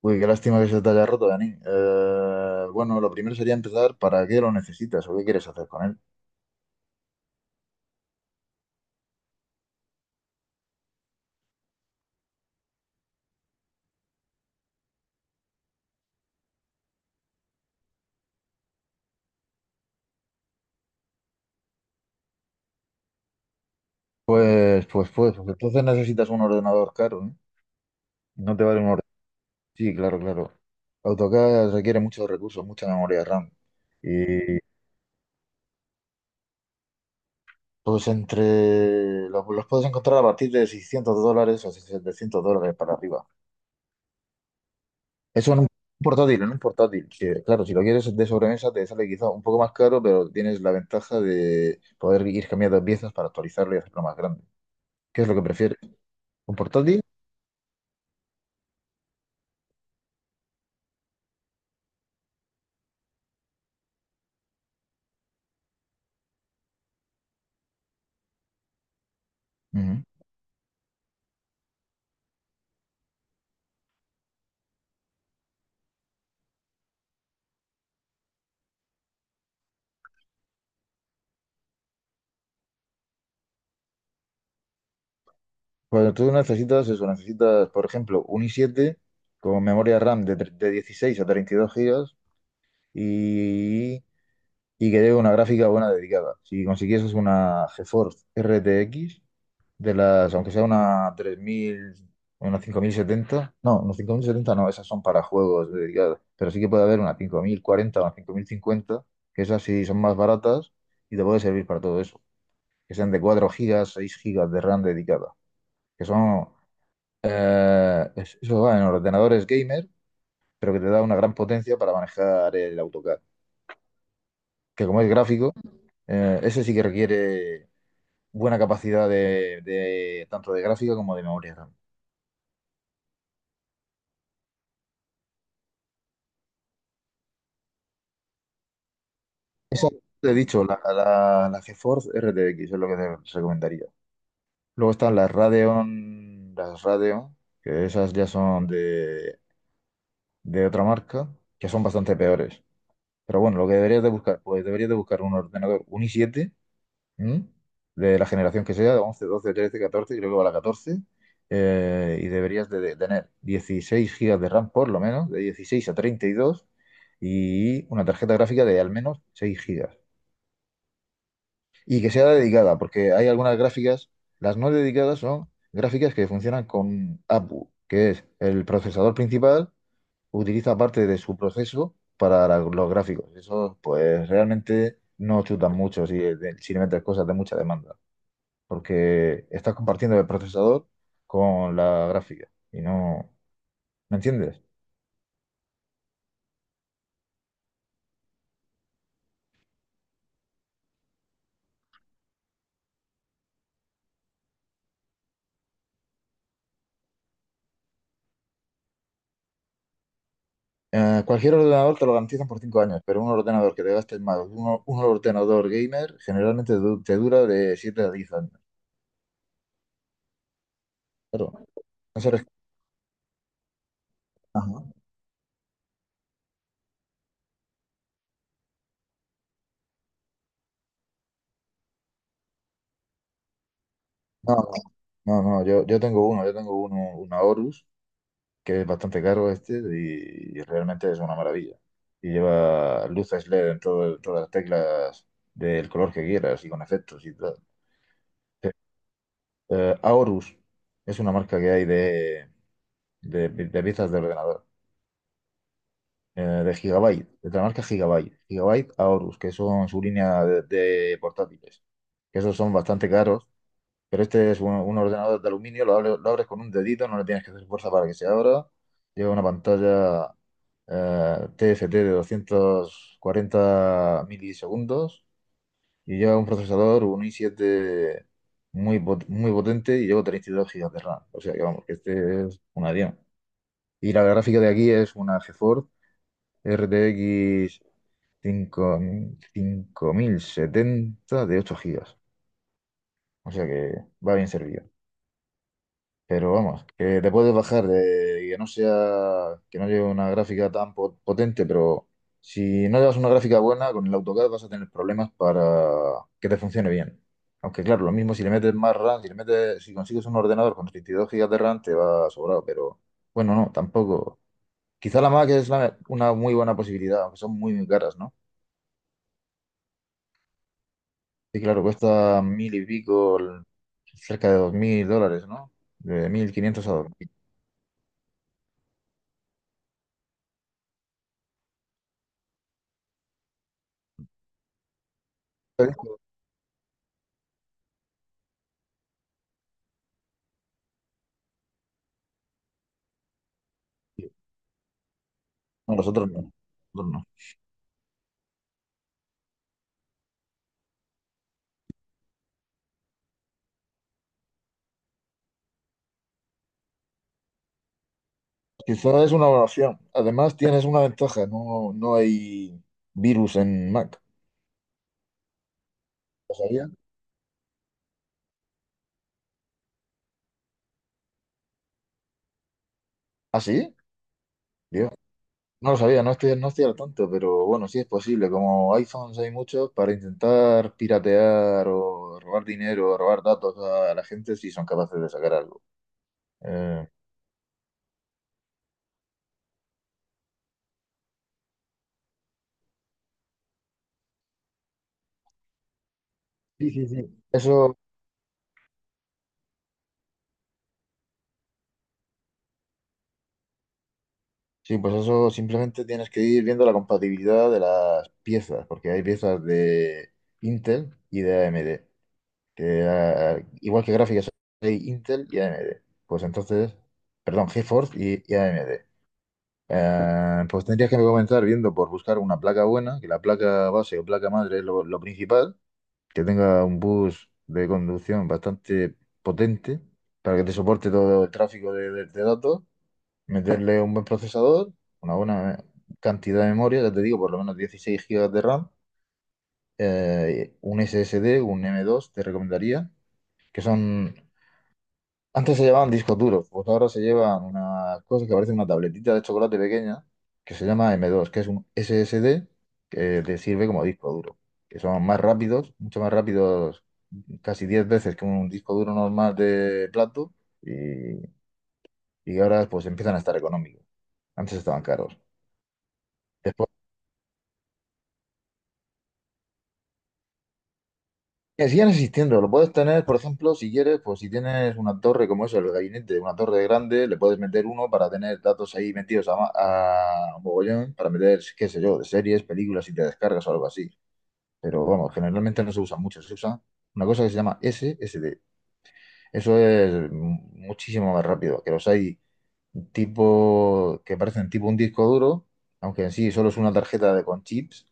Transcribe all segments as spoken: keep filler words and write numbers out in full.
Uy, qué lástima que se te haya roto, Dani. Eh, bueno, lo primero sería empezar, ¿para qué lo necesitas o qué quieres hacer con él? Pues, pues, pues, pues, entonces necesitas un ordenador caro, ¿eh? No te vale un ordenador. Sí, claro, claro. AutoCAD requiere muchos recursos, mucha memoria RAM. Y pues entre... Los, los puedes encontrar a partir de seiscientos dólares o setecientos dólares para arriba. Eso en un portátil, en un portátil. Que, claro, si lo quieres de sobremesa te sale quizá un poco más caro, pero tienes la ventaja de poder ir cambiando piezas para actualizarlo y hacerlo más grande. ¿Qué es lo que prefieres? ¿Un portátil? Ujú. Cuando tú necesitas eso, necesitas, por ejemplo, un i siete con memoria RAM de, tre- de dieciséis a treinta y dos gigas y, y que lleve una gráfica buena dedicada. Si consiguieses una GeForce R T X, de las, aunque sea una tres mil, una cinco mil setenta no, una cinco mil setenta no, esas son para juegos dedicadas pero sí que puede haber una cinco mil cuarenta o una cinco mil cincuenta que esas sí son más baratas y te puede servir para todo eso, que sean de cuatro gigas, seis gigas de RAM dedicada, que son, eh, es- eso va en ordenadores gamer, pero que te da una gran potencia para manejar el AutoCAD, que como es gráfico, eh, ese sí que requiere buena capacidad de, de- tanto de gráfica como de memoria RAM. Te he dicho, la, la, la GeForce R T X es lo que te recomendaría. Luego están las Radeon, las Radeon, que esas ya son de, de otra marca, que son bastante peores. Pero bueno, lo que deberías de buscar, pues deberías de buscar un ordenador, un i siete, ¿m? De la generación que sea, de once doce trece catorce creo que va la catorce eh, y deberías de, de tener dieciséis gigas de RAM por lo menos, de dieciséis a treinta y dos y una tarjeta gráfica de al menos seis gigas. Y que sea dedicada, porque hay algunas gráficas, las no dedicadas son gráficas que funcionan con A P U, que es el procesador principal, utiliza parte de su proceso para la- los gráficos. Eso, pues realmente no chutan mucho si, de- si le metes cosas de mucha demanda, porque estás compartiendo el procesador con la gráfica y no, ¿me entiendes? Eh, cualquier ordenador te lo garantizan por cinco años, pero un ordenador que te gastes más, un, un ordenador gamer, generalmente du- te dura de siete a diez años. Claro, no se les- Ajá. No, no, no, no, yo, yo tengo uno, yo tengo uno, una Horus, que es bastante caro este, y, y realmente es una maravilla. Y lleva luces L E D en todo- todas las teclas del color que quieras y con efectos y tal. Sí. Eh, Aorus es una marca que hay de, de, de piezas de ordenador, eh, de Gigabyte, de la marca Gigabyte. Gigabyte Aorus, que son su línea de, de portátiles. Que esos son bastante caros. Pero este es un, un ordenador de aluminio, lo abres, lo abres con un dedito, no le tienes que hacer fuerza para que se abra. Lleva una pantalla eh, T F T de doscientos cuarenta milisegundos y lleva un procesador, un i siete muy, pot- muy potente y lleva treinta y dos gigas de RAM. O sea que vamos, que este es una diana. Y la gráfica de aquí es una GeForce R T X cinco mil cinco mil setenta de ocho gigas. O sea que va bien servido. Pero vamos, que te puedes bajar de, y que no sea, que no lleve una gráfica tan po- potente, pero si no llevas una gráfica buena, con el AutoCAD vas a tener problemas para que te funcione bien. Aunque claro, lo mismo si le metes más RAM, si le metes, si consigues un ordenador con treinta y dos gigas de RAM, te va sobrado, pero bueno, no, tampoco. Quizá la Mac es la- una muy buena posibilidad, aunque son muy, muy caras, ¿no? Sí, claro, cuesta mil y pico, el- cerca de dos mil dólares, ¿no? De mil quinientos a dos mil. No, nosotros no. Nosotros no. Quizá es una evaluación. Además, tienes una ventaja. No, no hay virus en Mac. ¿Lo sabía? ¿Ah, sí? Dios. No lo sabía, no estoy, no estoy al tanto, pero bueno, sí es posible. Como iPhones hay muchos, para intentar piratear o robar dinero o robar datos a la gente, sí son capaces de sacar algo. Eh, sí, sí, sí. Eso, sí, pues eso simplemente tienes que ir viendo la compatibilidad de las piezas, porque hay piezas de Intel y de A M D. Que ah, igual que gráficas hay Intel y A M D. Pues entonces, perdón, GeForce y, y A M D. Eh, pues tendrías que comenzar viendo por buscar una placa buena, que la placa base o placa madre es lo, lo principal, que tenga un bus de conducción bastante potente para que te soporte todo el tráfico de, de- de datos, meterle un buen procesador, una buena cantidad de memoria, ya te digo, por lo menos dieciséis gigas de RAM, eh, un S S D, un m dos te recomendaría, que son. Antes se llevaban discos duros, pues ahora se llevan una cosa que parece una tabletita de chocolate pequeña que se llama m dos, que es un S S D que te sirve como disco duro, que son más rápidos, mucho más rápidos, casi diez veces que un disco duro normal de plato y, y ahora pues empiezan a estar económicos. Antes estaban caros. Que sigan existiendo, lo puedes tener, por ejemplo, si quieres, pues si tienes una torre como eso, el gabinete, una torre grande, le puedes meter uno para tener datos ahí metidos a, ma- a mogollón, para meter, qué sé yo, de series, películas y te descargas o algo así. Pero vamos, generalmente no se usa mucho, se usa una cosa que se llama S S D. Eso es muchísimo más rápido, que los hay tipo, que parecen tipo un disco duro, aunque en sí solo es una tarjeta de, con chips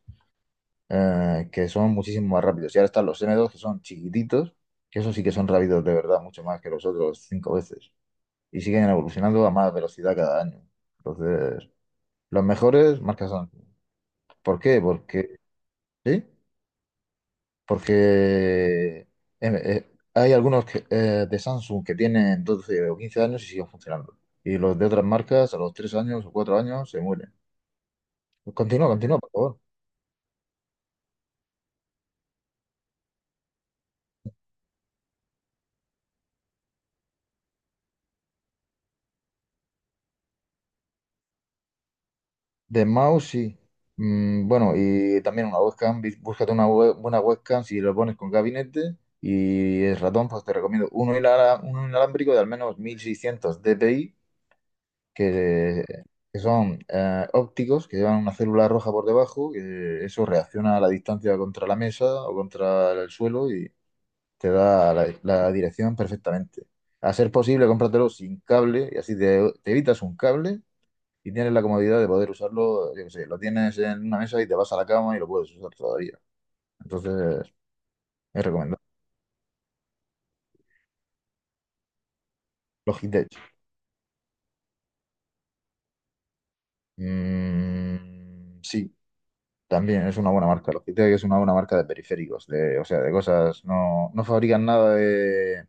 eh, que son muchísimo más rápidos. Y ahora están los N dos que son chiquititos, que esos sí que son rápidos de verdad, mucho más que los otros cinco veces. Y siguen evolucionando a más velocidad cada año. Entonces, los mejores marcas son. ¿Por qué? Porque, ¿sí? Porque em, eh, hay algunos que- eh, de Samsung que tienen doce o quince años y siguen funcionando. Y los de otras marcas a los tres años o cuatro años se mueren. Continúa, continúa, por favor. De mouse, sí. Mm, bueno, y también una webcam. bis- Búscate una web- buena webcam si lo pones con gabinete. Y el ratón, pues te recomiendo uno, inala- uno inalámbrico de al menos mil seiscientos dpi, que, que son eh, ópticos, que llevan una célula roja por debajo, que eso reacciona a la distancia contra la mesa o contra el suelo y te da la, la dirección perfectamente. A ser posible, cómpratelo sin cable y así te te evitas un cable y tienes la comodidad de poder usarlo, yo qué sé, lo tienes en una mesa y te vas a la cama y lo puedes usar todavía. Entonces, es recomendable. Logitech. Mm, sí, también es una buena marca. Logitech es una buena marca de periféricos, de, o sea, de cosas. No, no fabrican nada de,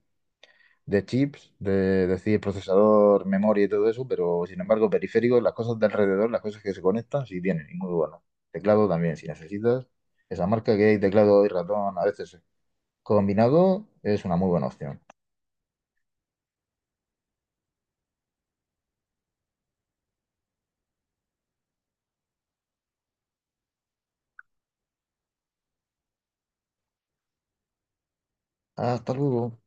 de chips, de, decir procesador, memoria y todo eso, pero sin embargo, periféricos, las cosas de alrededor, las cosas que se conectan, sí tienen, y muy bueno. Teclado también, si necesitas. Esa marca que hay teclado y ratón a veces combinado es una muy buena opción. Hasta luego.